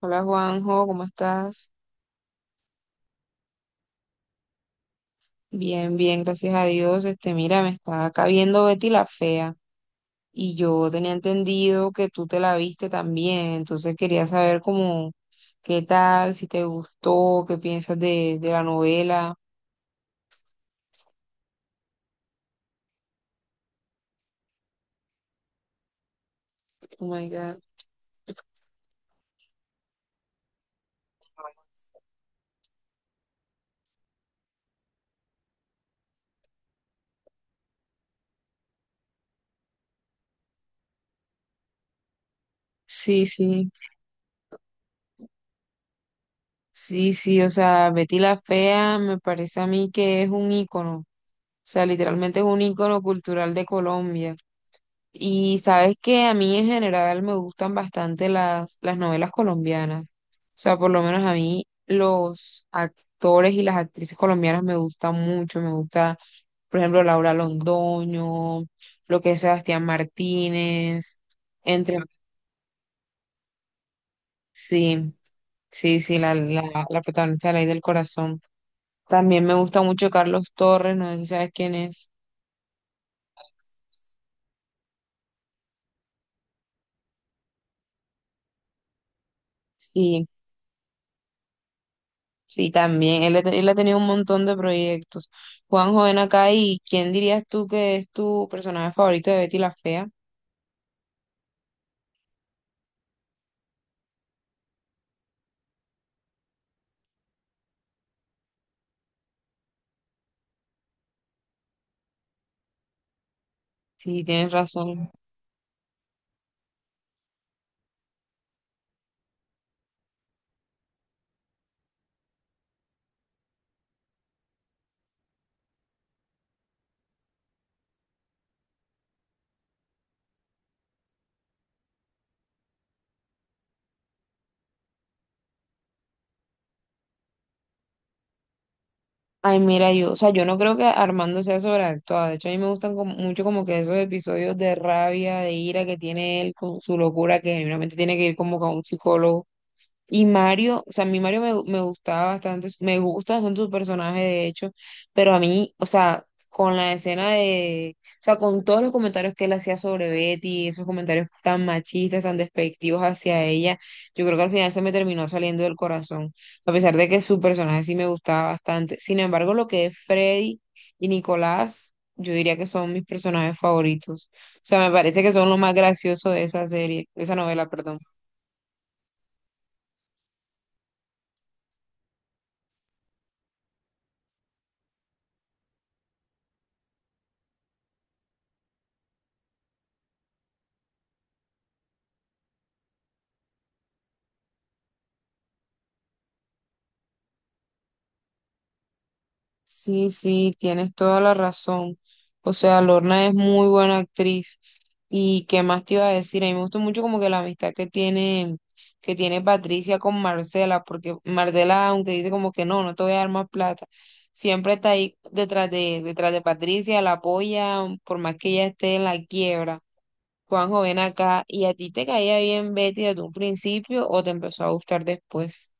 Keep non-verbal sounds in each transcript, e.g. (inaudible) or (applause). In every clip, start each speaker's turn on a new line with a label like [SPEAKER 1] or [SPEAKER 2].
[SPEAKER 1] Hola Juanjo, ¿cómo estás? Bien, bien, gracias a Dios. Mira, me está acá viendo Betty la Fea y yo tenía entendido que tú te la viste también, entonces quería saber cómo, qué tal, si te gustó, qué piensas de la novela. Oh my God. Sí, sí, sí, sí, o sea, Betty la Fea me parece a mí que es un ícono, o sea, literalmente es un ícono cultural de Colombia. Y sabes que a mí en general me gustan bastante las novelas colombianas. O sea, por lo menos a mí los actores y las actrices colombianas me gustan mucho. Me gusta, por ejemplo, Laura Londoño, lo que es Sebastián Martínez, entre... Sí, sí, sí, la protagonista de La Ley del Corazón. También me gusta mucho Carlos Torres, no sé si sabes quién es. Sí. Sí, también. Él ha tenido un montón de proyectos. Juanjo, ven acá, ¿y quién dirías tú que es tu personaje favorito de Betty la Fea? Sí, tienes razón. Ay, mira, yo, o sea, yo no creo que Armando sea sobreactuado. De hecho, a mí me gustan como- mucho como que esos episodios de rabia, de ira que tiene él con su locura, que generalmente tiene que ir como con un psicólogo. Y Mario, o sea, a mí Mario me gustaba bastante, me gusta bastante su personaje, de hecho, pero a mí, o sea, con la escena de, o sea, con todos los comentarios que él hacía sobre Betty, esos comentarios tan machistas, tan despectivos hacia ella, yo creo que al final se me terminó saliendo del corazón, a pesar de que su personaje sí me gustaba bastante. Sin embargo, lo que es Freddy y Nicolás, yo diría que son mis personajes favoritos. O sea, me parece que son lo más gracioso de esa serie, de esa novela, perdón. Sí, sí, tienes toda la razón. O sea, Lorna es muy buena actriz. ¿Y qué más te iba a decir? A mí me gusta mucho como que la amistad que tiene Patricia con Marcela, porque Marcela, aunque dice como que no, no te voy a dar más plata, siempre está ahí detrás detrás de Patricia, la apoya, por más que ella esté en la quiebra. Juanjo, ven acá, ¿y a ti te caía bien Betty desde un principio o te empezó a gustar después?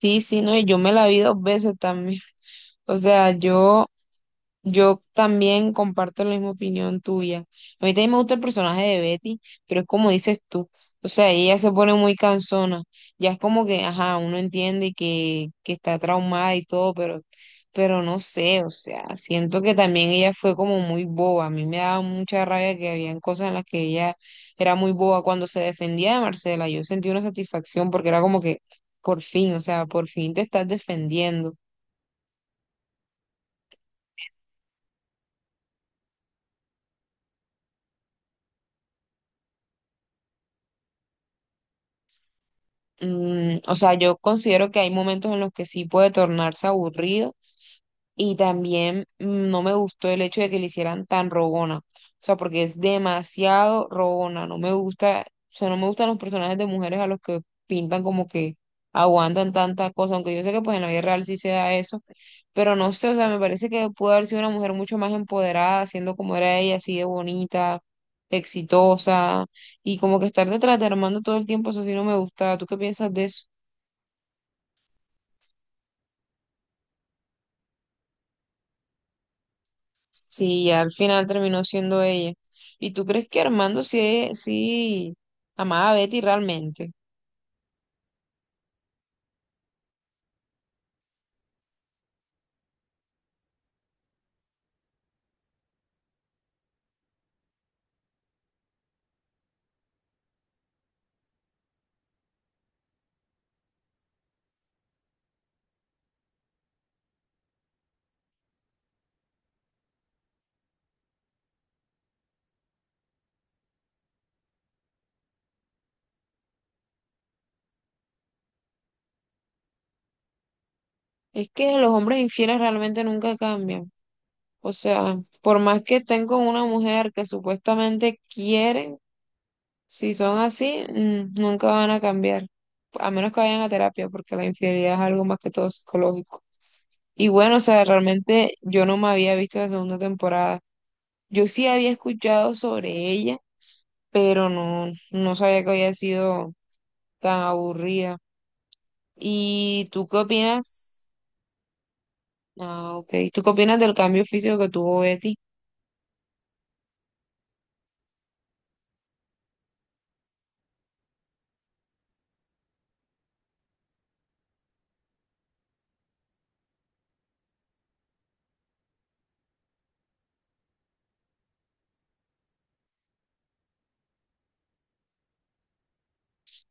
[SPEAKER 1] Sí, sí, no, y yo me la vi dos veces también. (laughs) O sea, yo también comparto la misma opinión tuya. A mí también me gusta el personaje de Betty, pero es como dices tú. O sea, ella se pone muy cansona. Ya es como que, ajá, uno entiende que está traumada y todo, pero no sé, o sea, siento que también ella fue como muy boba. A mí me daba mucha rabia que habían cosas en las que ella era muy boba. Cuando se defendía de Marcela, yo sentí una satisfacción porque era como que, por fin, o sea, por fin te estás defendiendo. Mm, o sea, yo considero que hay momentos en los que sí puede tornarse aburrido y también no me gustó el hecho de que le hicieran tan rogona. O sea, porque es demasiado rogona. No me gusta, o sea, no me gustan los personajes de mujeres a los que pintan como que aguantan tanta cosa, aunque yo sé que pues en la vida real sí se da eso, pero no sé, o sea, me parece que pudo haber sido una mujer mucho más empoderada, siendo como era ella, así de bonita, exitosa, y como que estar detrás de Armando todo el tiempo, eso sí no me gusta. ¿Tú qué piensas de eso? Sí, al final terminó siendo ella. ¿Y tú crees que Armando sí amaba a Betty realmente? Es que los hombres infieles realmente nunca cambian. O sea, por más que estén con una mujer que supuestamente quieren, si son así, nunca van a cambiar. A menos que vayan a terapia, porque la infidelidad es algo más que todo psicológico. Y bueno, o sea, realmente yo no me había visto la segunda temporada. Yo sí había escuchado sobre ella pero no, no sabía que había sido tan aburrida. ¿Y tú qué opinas? Ah, ok. ¿Tú qué opinas del cambio físico que tuvo Betty?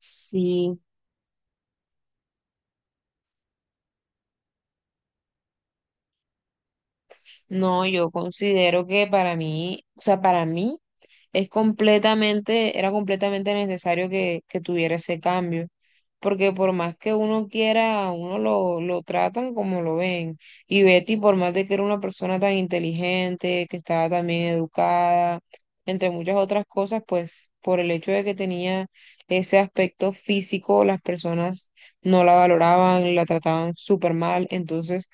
[SPEAKER 1] Sí, no, yo considero que para mí, o sea, para mí es completamente, era completamente necesario que tuviera ese cambio, porque por más que uno quiera, a uno lo tratan como lo ven. Y Betty, por más de que era una persona tan inteligente, que estaba también educada, entre muchas otras cosas, pues por el hecho de que tenía ese aspecto físico, las personas no la valoraban, la trataban súper mal, entonces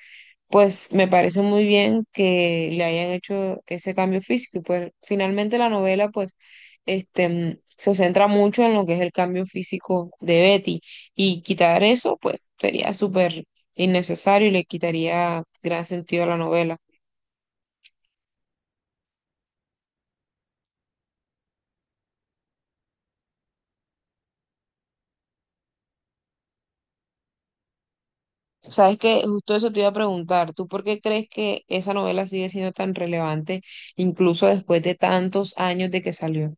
[SPEAKER 1] pues me parece muy bien que le hayan hecho ese cambio físico. Y pues finalmente la novela, pues, se centra mucho en lo que es el cambio físico de Betty. Y quitar eso, pues, sería súper innecesario y le quitaría gran sentido a la novela. Sabes que justo eso te iba a preguntar, ¿tú por qué crees que esa novela sigue siendo tan relevante incluso después de tantos años de que salió?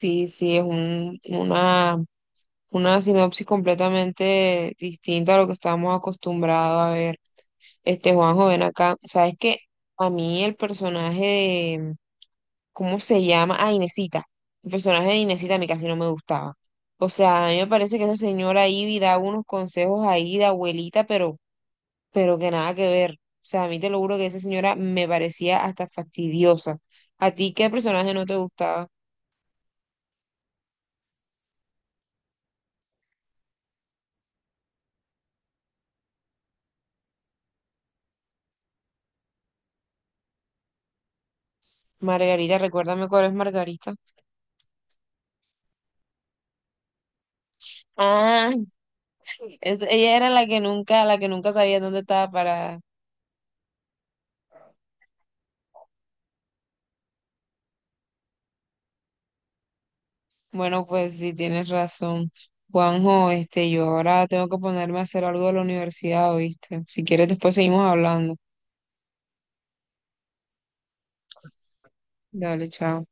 [SPEAKER 1] Sí, sí, una sinopsis completamente distinta a lo que estábamos acostumbrados a ver. Juanjo, ven acá. ¿Sabes que a mí el personaje de, ¿cómo se llama? Ah, Inesita. El personaje de Inesita a mí casi no me gustaba. O sea, a mí me parece que esa señora Ivy da unos consejos ahí de abuelita, pero que nada que ver. O sea, a mí te lo juro que esa señora me parecía hasta fastidiosa. ¿A ti qué personaje no te gustaba? Margarita, recuérdame cuál es Margarita. Ah, ella era la que nunca sabía dónde estaba para. Bueno, pues sí, tienes razón. Juanjo, yo ahora tengo que ponerme a hacer algo de la universidad, ¿oíste? Si quieres, después seguimos hablando. Dale, chao.